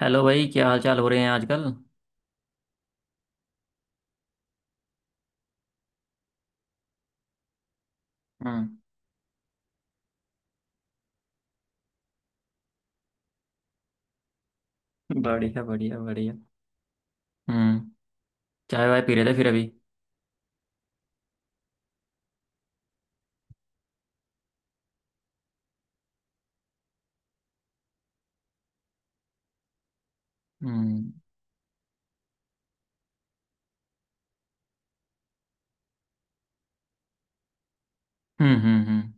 Hello भाई, क्या हाल चाल हो रहे हैं आजकल? हम्म। बढ़िया, बढ़िया, बढ़िया। हम्म। चाय वाय पी रहे थे फिर अभी? हम्म, हम्म, हम्म, हम्म।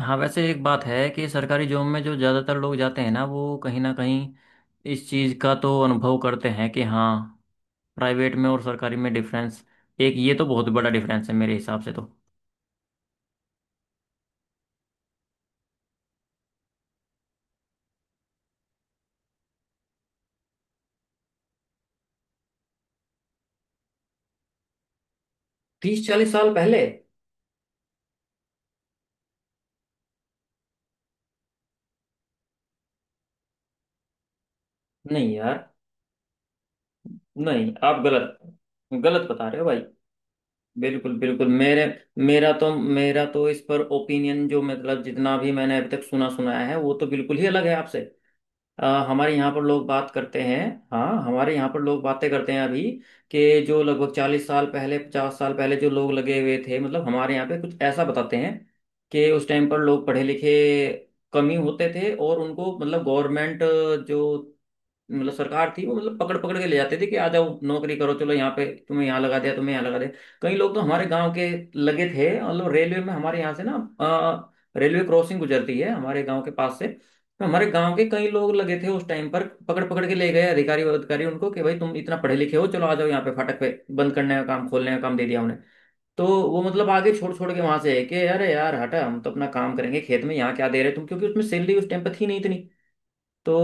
हाँ, वैसे एक बात है कि सरकारी जॉब में जो ज़्यादातर लोग जाते हैं ना, वो कहीं ना कहीं इस चीज़ का तो अनुभव करते हैं कि हाँ, प्राइवेट में और सरकारी में डिफरेंस। एक ये तो बहुत बड़ा डिफरेंस है मेरे हिसाब से तो। तीस चालीस साल पहले। नहीं यार। नहीं, आप गलत, गलत बता रहे हो भाई। बिल्कुल बिल्कुल। मेरे मेरा तो इस पर ओपिनियन, जो मतलब जितना भी मैंने अभी तक सुना सुनाया है, वो तो बिल्कुल ही अलग है आपसे। हमारे यहाँ पर लोग बात करते हैं। हाँ, हमारे यहाँ पर लोग बातें करते हैं अभी कि जो लगभग चालीस साल पहले, पचास साल पहले जो लोग लगे हुए थे, मतलब हमारे यहाँ पे कुछ ऐसा बताते हैं कि उस टाइम पर लोग पढ़े लिखे कम ही होते थे, और उनको मतलब गवर्नमेंट, जो मतलब सरकार थी, वो मतलब पकड़ पकड़ के ले जाते थे कि आ जाओ नौकरी करो, चलो यहाँ पे, तुम्हें यहाँ लगा दिया, तुम्हें यहाँ लगा दिया। कई लोग तो हमारे गांव के लगे थे, मतलब रेलवे में। हमारे यहाँ से ना, अ, रेलवे क्रॉसिंग गुजरती है हमारे गांव के पास से। तो हमारे गांव के कई लोग लगे थे उस टाइम पर, पकड़ पकड़ के ले गए अधिकारी, और अधिकारी उनको कि भाई तुम इतना पढ़े लिखे हो, चलो आ जाओ यहाँ पे फाटक पे बंद करने का काम, खोलने का काम दे दिया उन्हें। तो वो मतलब आगे छोड़ छोड़ के वहां से है कि अरे यार हटा, हम तो अपना काम करेंगे खेत में, यहाँ क्या दे रहे तुम, क्योंकि उसमें सैलरी उस टाइम पर थी नहीं इतनी। तो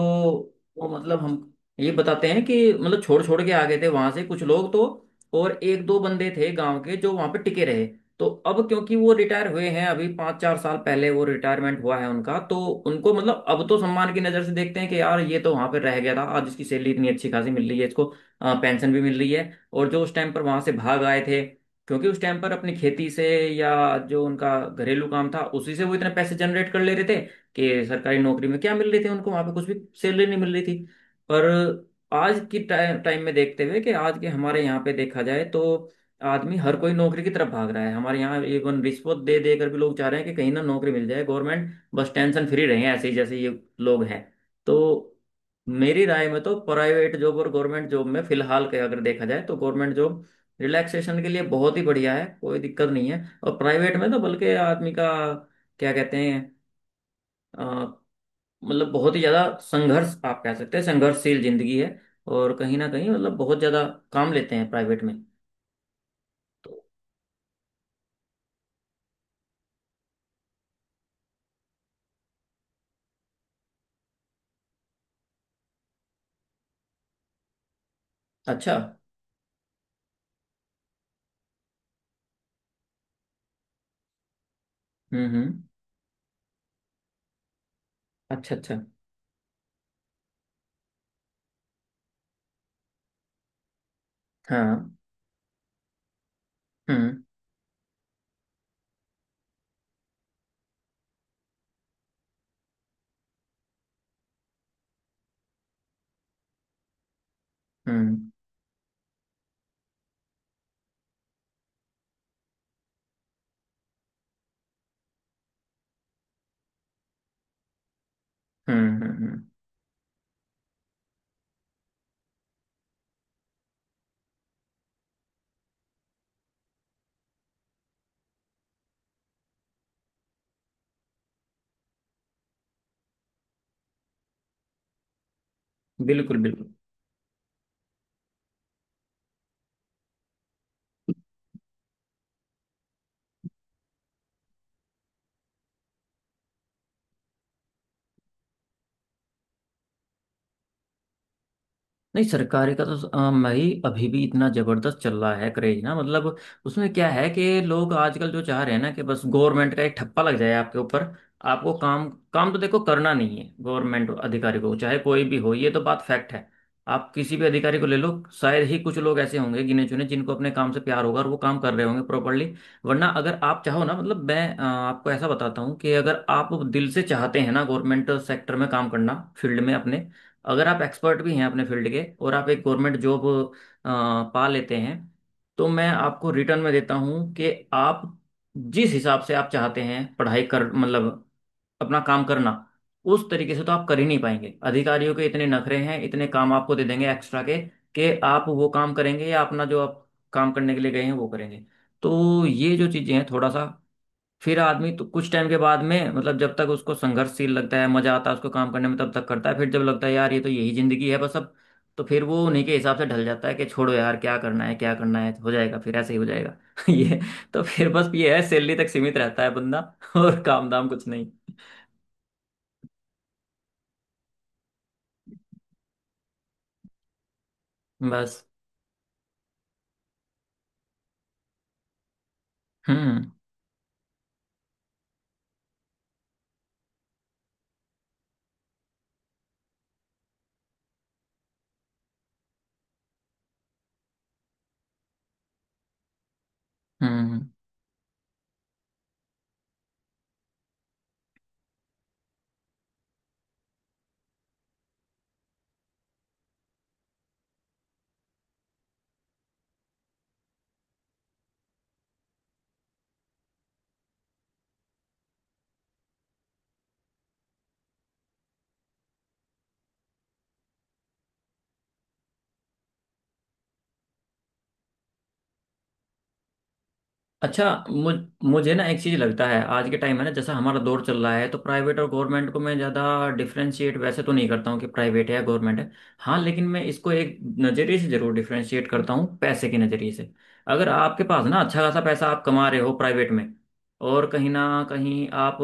वो मतलब हम ये बताते हैं कि मतलब छोड़ छोड़ के आ गए थे वहां से कुछ लोग तो, और एक दो बंदे थे गांव के जो वहां पे टिके रहे। तो अब क्योंकि वो रिटायर हुए हैं अभी, पाँच चार साल पहले वो रिटायरमेंट हुआ है उनका, तो उनको मतलब अब तो सम्मान की नजर से देखते हैं कि यार ये तो वहां पे रह गया था, आज इसकी सैलरी इतनी अच्छी खासी मिल रही है इसको, पेंशन भी मिल रही है। और जो उस टाइम पर वहां से भाग आए थे, क्योंकि उस टाइम पर अपनी खेती से या जो उनका घरेलू काम था उसी से वो इतने पैसे जनरेट कर ले रहे थे कि सरकारी नौकरी में क्या मिल रही थी उनको, वहां पे कुछ भी सैलरी नहीं मिल रही थी। पर आज की टाइम टाइम में देखते हुए कि आज के हमारे यहाँ पे देखा जाए, तो आदमी, हर कोई नौकरी की तरफ भाग रहा है हमारे यहाँ, इवन रिश्वत दे दे कर भी लोग चाह रहे हैं कि कहीं ना नौकरी मिल जाए गवर्नमेंट, बस टेंशन फ्री रहे ऐसे ही जैसे ये लोग हैं। तो मेरी राय में तो प्राइवेट जॉब और गवर्नमेंट जॉब में फिलहाल के अगर देखा जाए, तो गवर्नमेंट जॉब रिलैक्सेशन के लिए बहुत ही बढ़िया है, कोई दिक्कत नहीं है। और प्राइवेट में तो बल्कि आदमी का क्या कहते हैं, अ, मतलब बहुत ही ज्यादा संघर्ष, आप कह सकते हैं संघर्षशील जिंदगी है, और कहीं ना कहीं मतलब बहुत ज्यादा काम लेते हैं प्राइवेट में। तो अच्छा। हम्म, हम्म। अच्छा, अच्छा, हाँ। हम्म, हम्म, हम्म, हम्म, हम्म। बिल्कुल, बिल्कुल। नहीं, सरकारी का तो भाई अभी भी इतना जबरदस्त चल रहा है क्रेज ना। मतलब उसमें क्या है कि लोग आजकल जो चाह रहे हैं ना कि बस गवर्नमेंट का एक ठप्पा लग जाए आपके ऊपर, आपको काम काम तो देखो करना नहीं है। गवर्नमेंट अधिकारी को, चाहे कोई भी हो, ये तो बात फैक्ट है। आप किसी भी अधिकारी को ले लो, शायद ही कुछ लोग ऐसे होंगे गिने चुने जिनको अपने काम से प्यार होगा और वो काम कर रहे होंगे प्रॉपरली। वरना अगर आप चाहो ना, मतलब मैं आपको ऐसा बताता हूँ कि अगर आप दिल से चाहते हैं ना गवर्नमेंट सेक्टर में काम करना, फील्ड में अपने, अगर आप एक्सपर्ट भी हैं अपने फील्ड के, और आप एक गवर्नमेंट जॉब पा लेते हैं, तो मैं आपको रिटर्न में देता हूँ कि आप जिस हिसाब से आप चाहते हैं पढ़ाई कर, मतलब अपना काम करना, उस तरीके से तो आप कर ही नहीं पाएंगे। अधिकारियों के इतने नखरे हैं, इतने काम आपको दे देंगे एक्स्ट्रा के, कि आप वो काम करेंगे या अपना जो आप काम करने के लिए गए हैं वो करेंगे। तो ये जो चीज़ें हैं थोड़ा सा, फिर आदमी तो कुछ टाइम के बाद में, मतलब जब तक उसको संघर्षशील लगता है, मजा आता है उसको काम करने में, तब तक करता है। फिर जब लगता है यार ये तो यही जिंदगी है बस, अब तो फिर वो उन्हीं के हिसाब से ढल जाता है कि छोड़ो यार क्या करना है, क्या करना है, हो जाएगा, फिर ऐसे ही हो जाएगा। ये, तो फिर बस ये है, सैलरी तक सीमित रहता है बंदा। और काम दाम कुछ नहीं, बस। हम्म, हम्म, अच्छा मुझे ना एक चीज़ लगता है, आज के टाइम है ना, जैसा हमारा दौर चल रहा है, तो प्राइवेट और गवर्नमेंट को मैं ज़्यादा डिफरेंशिएट वैसे तो नहीं करता हूँ कि प्राइवेट है या गवर्नमेंट है। हाँ, लेकिन मैं इसको एक नज़रिए से ज़रूर डिफरेंशिएट करता हूँ, पैसे के नज़रिए से। अगर आपके पास ना अच्छा खासा पैसा आप कमा रहे हो प्राइवेट में, और कहीं ना कहीं आप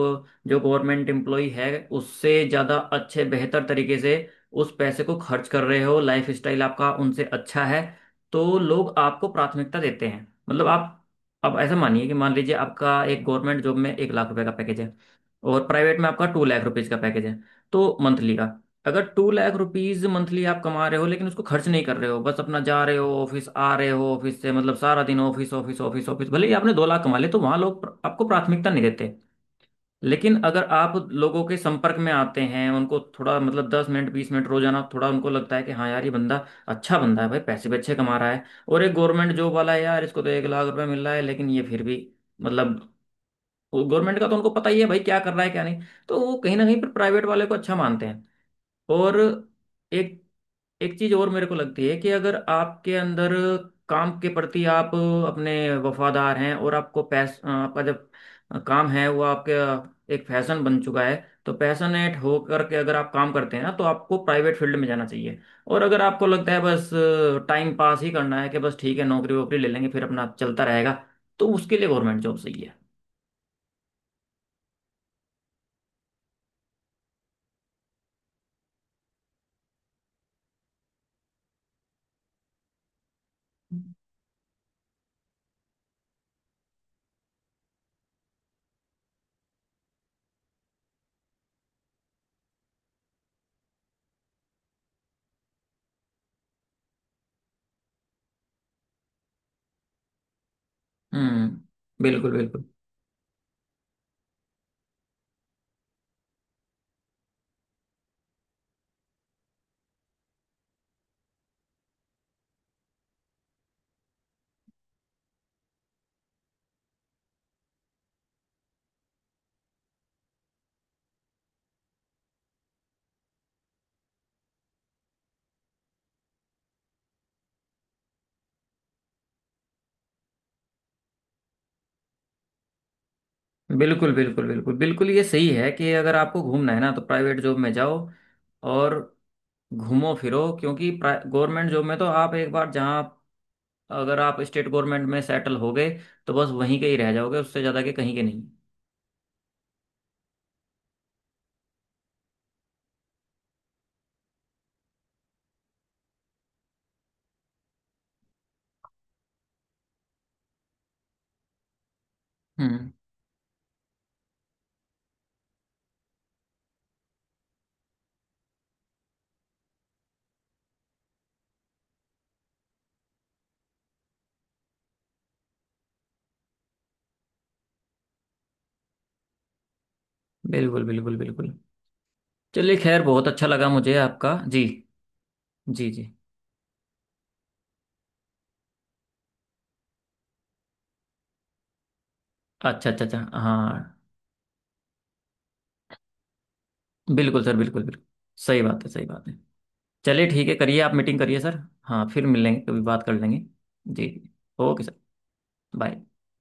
जो गवर्नमेंट एम्प्लॉय है उससे ज़्यादा अच्छे बेहतर तरीके से उस पैसे को खर्च कर रहे हो, लाइफ स्टाइल आपका उनसे अच्छा है, तो लोग आपको प्राथमिकता देते हैं। मतलब आप, अब ऐसा मानिए कि मान लीजिए आपका एक गवर्नमेंट जॉब में एक लाख रुपए का पैकेज है, और प्राइवेट में आपका टू लाख रुपीज का पैकेज है। तो मंथली का, अगर टू लाख रुपीज मंथली आप कमा रहे हो, लेकिन उसको खर्च नहीं कर रहे हो, बस अपना जा रहे हो ऑफिस, आ रहे हो ऑफिस से, मतलब सारा दिन ऑफिस ऑफिस ऑफिस ऑफिस, भले ही आपने दो लाख कमा ले, तो वहां लोग आपको प्राथमिकता नहीं देते। लेकिन अगर आप लोगों के संपर्क में आते हैं, उनको थोड़ा मतलब दस मिनट बीस मिनट रोजाना, थोड़ा उनको लगता है कि हाँ यार ये बंदा अच्छा बंदा है भाई, पैसे भी अच्छे कमा रहा है, और एक गवर्नमेंट जॉब वाला है यार, इसको तो एक लाख रुपए मिल रहा है, लेकिन ये फिर भी, मतलब गवर्नमेंट का तो उनको पता ही है भाई क्या कर रहा है क्या नहीं। तो वो कहीं ना कहीं पर प्राइवेट वाले को अच्छा मानते हैं। और एक एक चीज और मेरे को लगती है कि अगर आपके अंदर काम के प्रति आप अपने वफादार हैं, और आपको पैस, आपका जब काम है वो आपके एक फैशन बन चुका है, तो पैशनेट होकर के अगर आप काम करते हैं ना, तो आपको प्राइवेट फील्ड में जाना चाहिए। और अगर आपको लगता है बस टाइम पास ही करना है, कि बस ठीक है नौकरी वोकरी ले लेंगे फिर अपना चलता रहेगा, तो उसके लिए गवर्नमेंट जॉब सही है। हम्म। बिल्कुल, बिल्कुल। बिल्कुल, बिल्कुल, बिल्कुल, बिल्कुल, ये सही है कि अगर आपको घूमना है ना तो प्राइवेट जॉब में जाओ, और घूमो फिरो, क्योंकि गवर्नमेंट जॉब में तो आप एक बार जहाँ, अगर आप स्टेट गवर्नमेंट में सेटल हो गए, तो बस वहीं के ही रह जाओगे, उससे ज़्यादा के कहीं के नहीं। हम्म। बिल्कुल, बिल्कुल, बिल्कुल। चलिए खैर, बहुत अच्छा लगा मुझे आपका। जी जी। जी, अच्छा, अच्छा, अच्छा, हाँ। बिल्कुल सर, बिल्कुल, बिल्कुल। सही बात है, सही बात है। चलिए ठीक है, करिए आप, मीटिंग करिए सर। हाँ, फिर मिल लेंगे, कभी बात कर लेंगे। जी जी। Okay sir. बाय।